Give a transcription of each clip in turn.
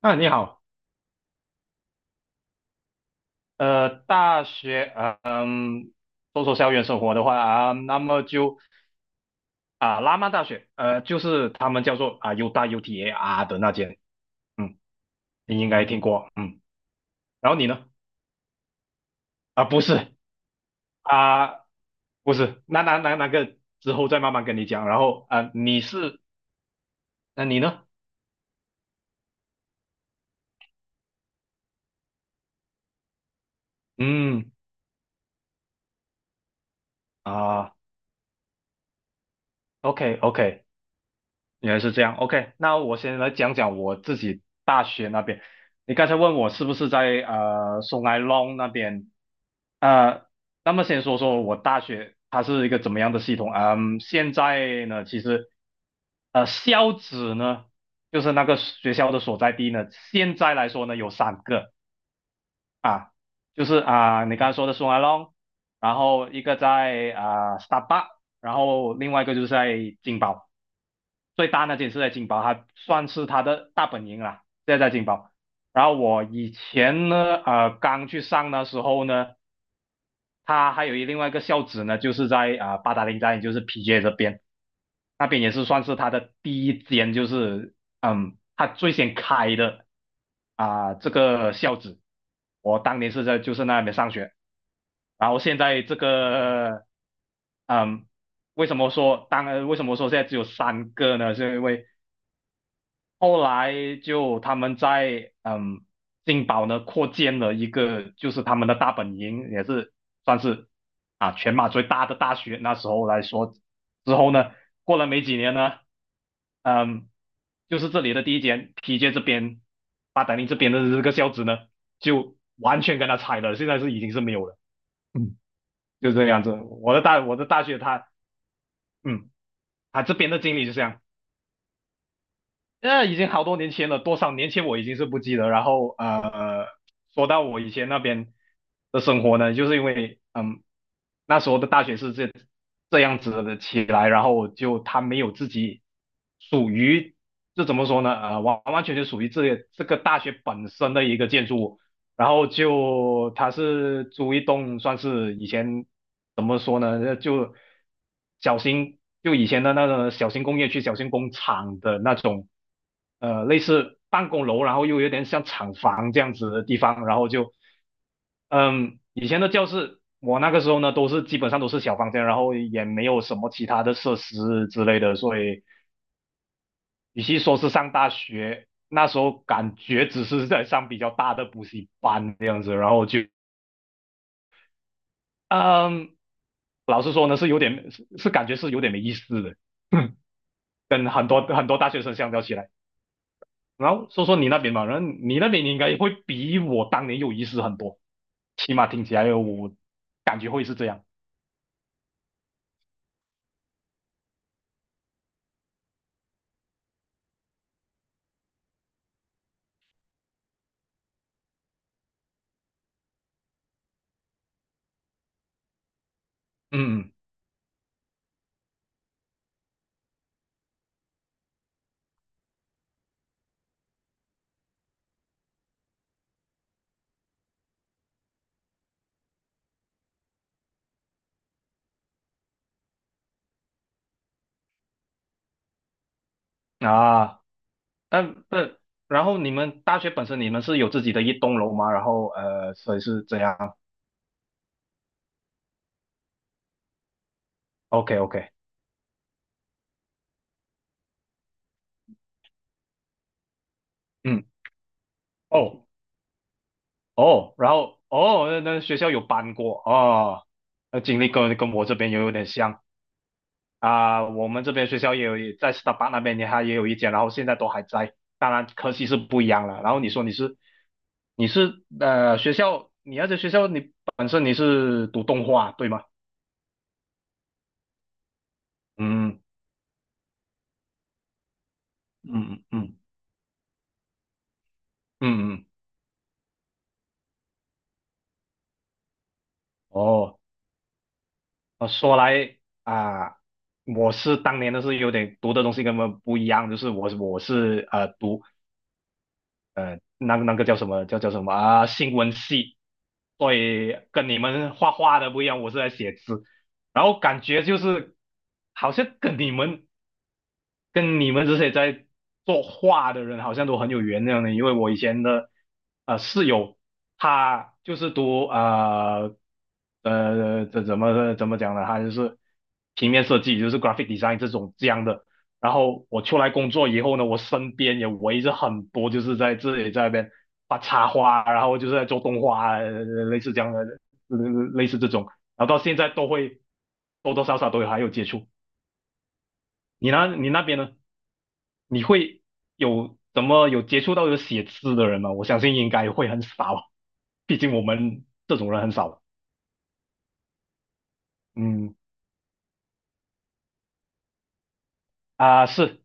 啊，你好，大学，说说校园生活的话啊，那么就啊，拉曼大学，就是他们叫做啊 U 大 UTAR 的那间，嗯，你应该听过。嗯。然后你呢？啊，不是。啊，不是，那个之后再慢慢跟你讲，然后啊，你是，那、你呢？嗯啊，OK OK，原来是这样，OK，那我先来讲讲我自己大学那边。你刚才问我是不是在松来隆那边，呃，那么先说说我大学它是一个怎么样的系统。嗯，现在呢，其实校址呢，就是那个学校的所在地呢，现在来说呢有三个啊，就是啊、你刚才说的松来隆，然后一个在啊、s t a r b u c k, 然后另外一个就是在金宝。最大那间是在金宝，它算是它的大本营啦，现在在金宝。然后我以前呢，刚去上的时候呢，它还有另外一个校址呢，就是在啊、八达岭站，也就是 PJ 这边，那边也是算是它的第一间，就是它最先开的啊、这个校址。我当年是在就是那边上学，然后现在这个，嗯。为什么说现在只有三个呢？是因为后来就他们在金宝呢扩建了一个，就是他们的大本营，也是算是啊全马最大的大学。那时候来说，之后呢，过了没几年呢，嗯，就是这里的第一间 p 街这边，八达岭这边的这个校址呢，就完全跟他拆了，现在是已经是没有了。嗯，就这个样子。我的大学它，嗯，它这边的经历就这样。那已经好多年前了，多少年前我已经是不记得。然后说到我以前那边的生活呢，就是因为那时候的大学是这样子的起来，然后就他没有自己属于，这怎么说呢？完完全全属于这个大学本身的一个建筑物，然后就他是租一栋算是以前怎么说呢？就小型，就以前的那种小型工业区、小型工厂的那种，类似办公楼，然后又有点像厂房这样子的地方，然后就，以前的教室，我那个时候呢，都是基本上都是小房间，然后也没有什么其他的设施之类的，所以与其说是上大学，那时候感觉只是在上比较大的补习班这样子，然后就。嗯，老实说呢，是有点是感觉是有点没意思的，跟很多很多大学生相较起来。然后说说你那边吧，然后你那边应该会比我当年有意思很多，起码听起来我感觉会是这样。嗯啊，但然后你们大学本身你们是有自己的一栋楼吗？然后所以是这样。OK OK，嗯，哦哦，然后哦，那学校有搬过哦，那经历跟我这边也有点像。啊、我们这边学校也有在 Starbucks 那边也还也有一间，然后现在都还在，当然科系是不一样了。然后你说你是学校，你要在学校你本身你是读动画对吗？嗯嗯嗯嗯嗯，哦，说来啊、我是当年的是有点读的东西跟本们不一样，就是我是读那个叫什么啊新闻系。所以跟你们画画的不一样，我是在写字，然后感觉就是好像跟你们这些在做画的人好像都很有缘那样的，因为我以前的室友，他就是读啊这怎么讲呢？他就是平面设计，就是 graphic design 这种这样的。然后我出来工作以后呢，我身边也围着很多就是在这里在那边画插画，然后就是在做动画，类似这样的，呃类似这种。然后到现在都会多多少少都有还有接触。你那边呢？你会有怎么有接触到有写字的人吗？我相信应该会很少，毕竟我们这种人很少。嗯啊，是，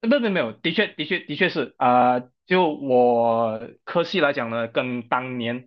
那没有没有没有，的确的确的确是啊、就我科系来讲呢，跟当年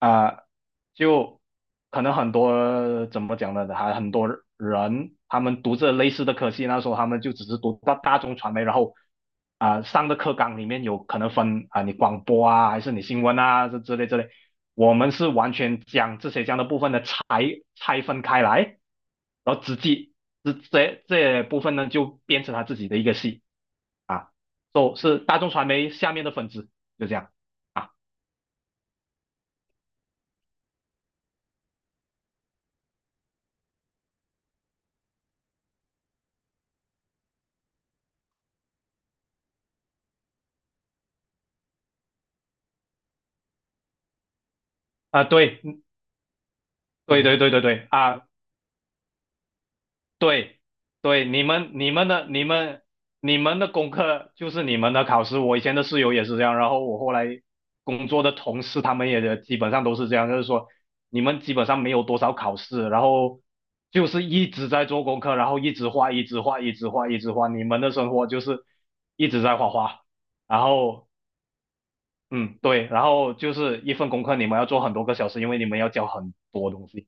啊、就可能很多怎么讲呢，还很多人他们读着类似的科系，那时候他们就只是读大众传媒，然后啊、上的课纲里面有可能分啊、你广播啊，还是你新闻啊这之类之类，我们是完全将这些这样的部分的拆分开来，然后直接这部分呢就变成他自己的一个系。啊 s 是大众传媒下面的粉丝，就这样啊。啊，对，嗯，对对对对对啊，对对，你们的功课就是你们的考试，我以前的室友也是这样，然后我后来工作的同事他们也基本上都是这样，就是说你们基本上没有多少考试，然后就是一直在做功课，然后一直画，一直画，一直画，一直画，你们的生活就是一直在画画。然后嗯，对，然后就是一份功课，你们要做很多个小时，因为你们要教很多东西，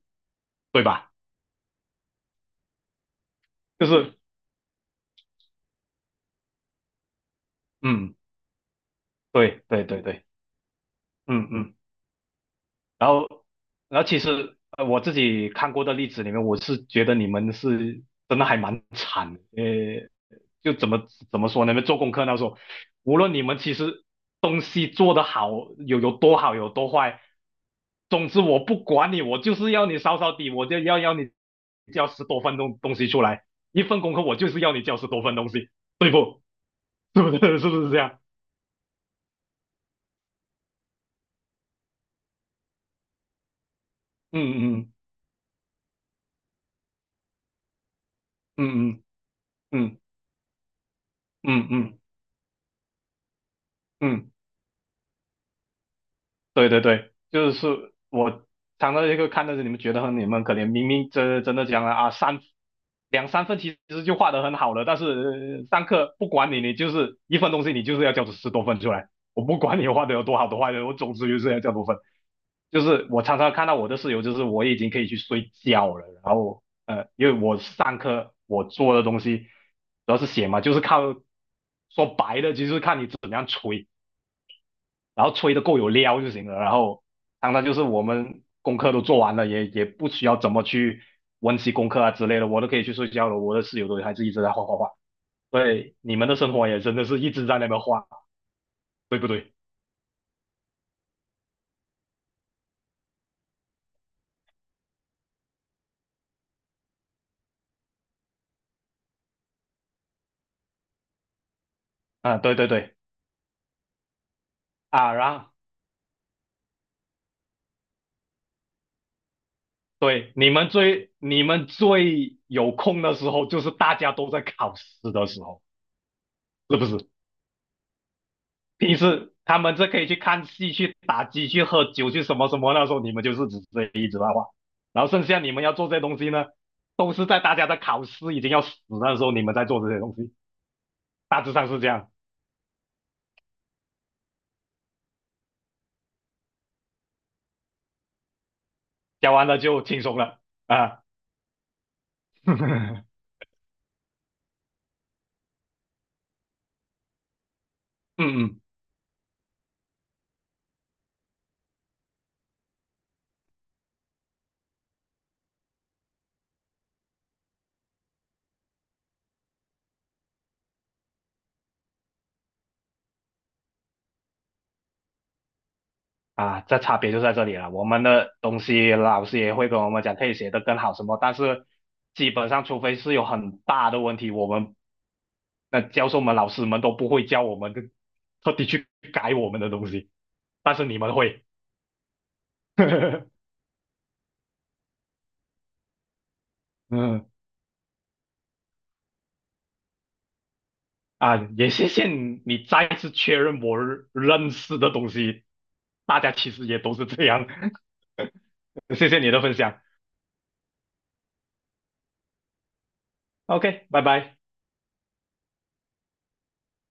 对吧？就嗯是，嗯，对对对对，嗯嗯，然后其实我自己看过的例子里面，我是觉得你们是真的还蛮惨的，就怎么说呢？做功课那时候，无论你们其实东西做得好，有多好，有多坏，总之我不管你，我就是要你扫扫地，我就要你交10多分钟东西出来，一份功课我就是要你交十多份东西，对不？对不对？是不是这样？嗯嗯嗯嗯嗯嗯嗯嗯。嗯嗯嗯，对对对，就是我常常一个看到你们觉得很你们可怜，明明真真的讲了啊，两三分其实就画得很好了，但是上课不管你，你就是一份东西，你就是要交出十多份出来，我不管你画的有多好多坏的，我总之就是要交多份。就是我常常看到我的室友，就是我已经可以去睡觉了，然后因为我上课我做的东西主要是写嘛，就是靠说白了，其实看你怎么样吹。然后吹的够有料就行了。然后当然就是我们功课都做完了，也不需要怎么去温习功课啊之类的，我都可以去睡觉了。我的室友都还是一直在画画画，对，你们的生活也真的是一直在那边画，对不对？啊，对对对啊，然后对你们最你们最有空的时候，就是大家都在考试的时候，是不是？平时他们这可以去看戏、去打机、去喝酒、去什么什么，那时候你们就是只是一直八卦，然后剩下你们要做这些东西呢，都是在大家的考试已经要死的时候，你们在做这些东西，大致上是这样。讲完了就轻松了啊，嗯嗯。啊，这差别就在这里了。我们的东西老师也会跟我们讲可以写得更好什么，但是基本上除非是有很大的问题，我们那教授们、老师们都不会教我们特地去改我们的东西，但是你们会。嗯啊，也谢谢你再次确认我认识的东西，大家其实也都是这样。谢谢你的分享，OK，拜拜。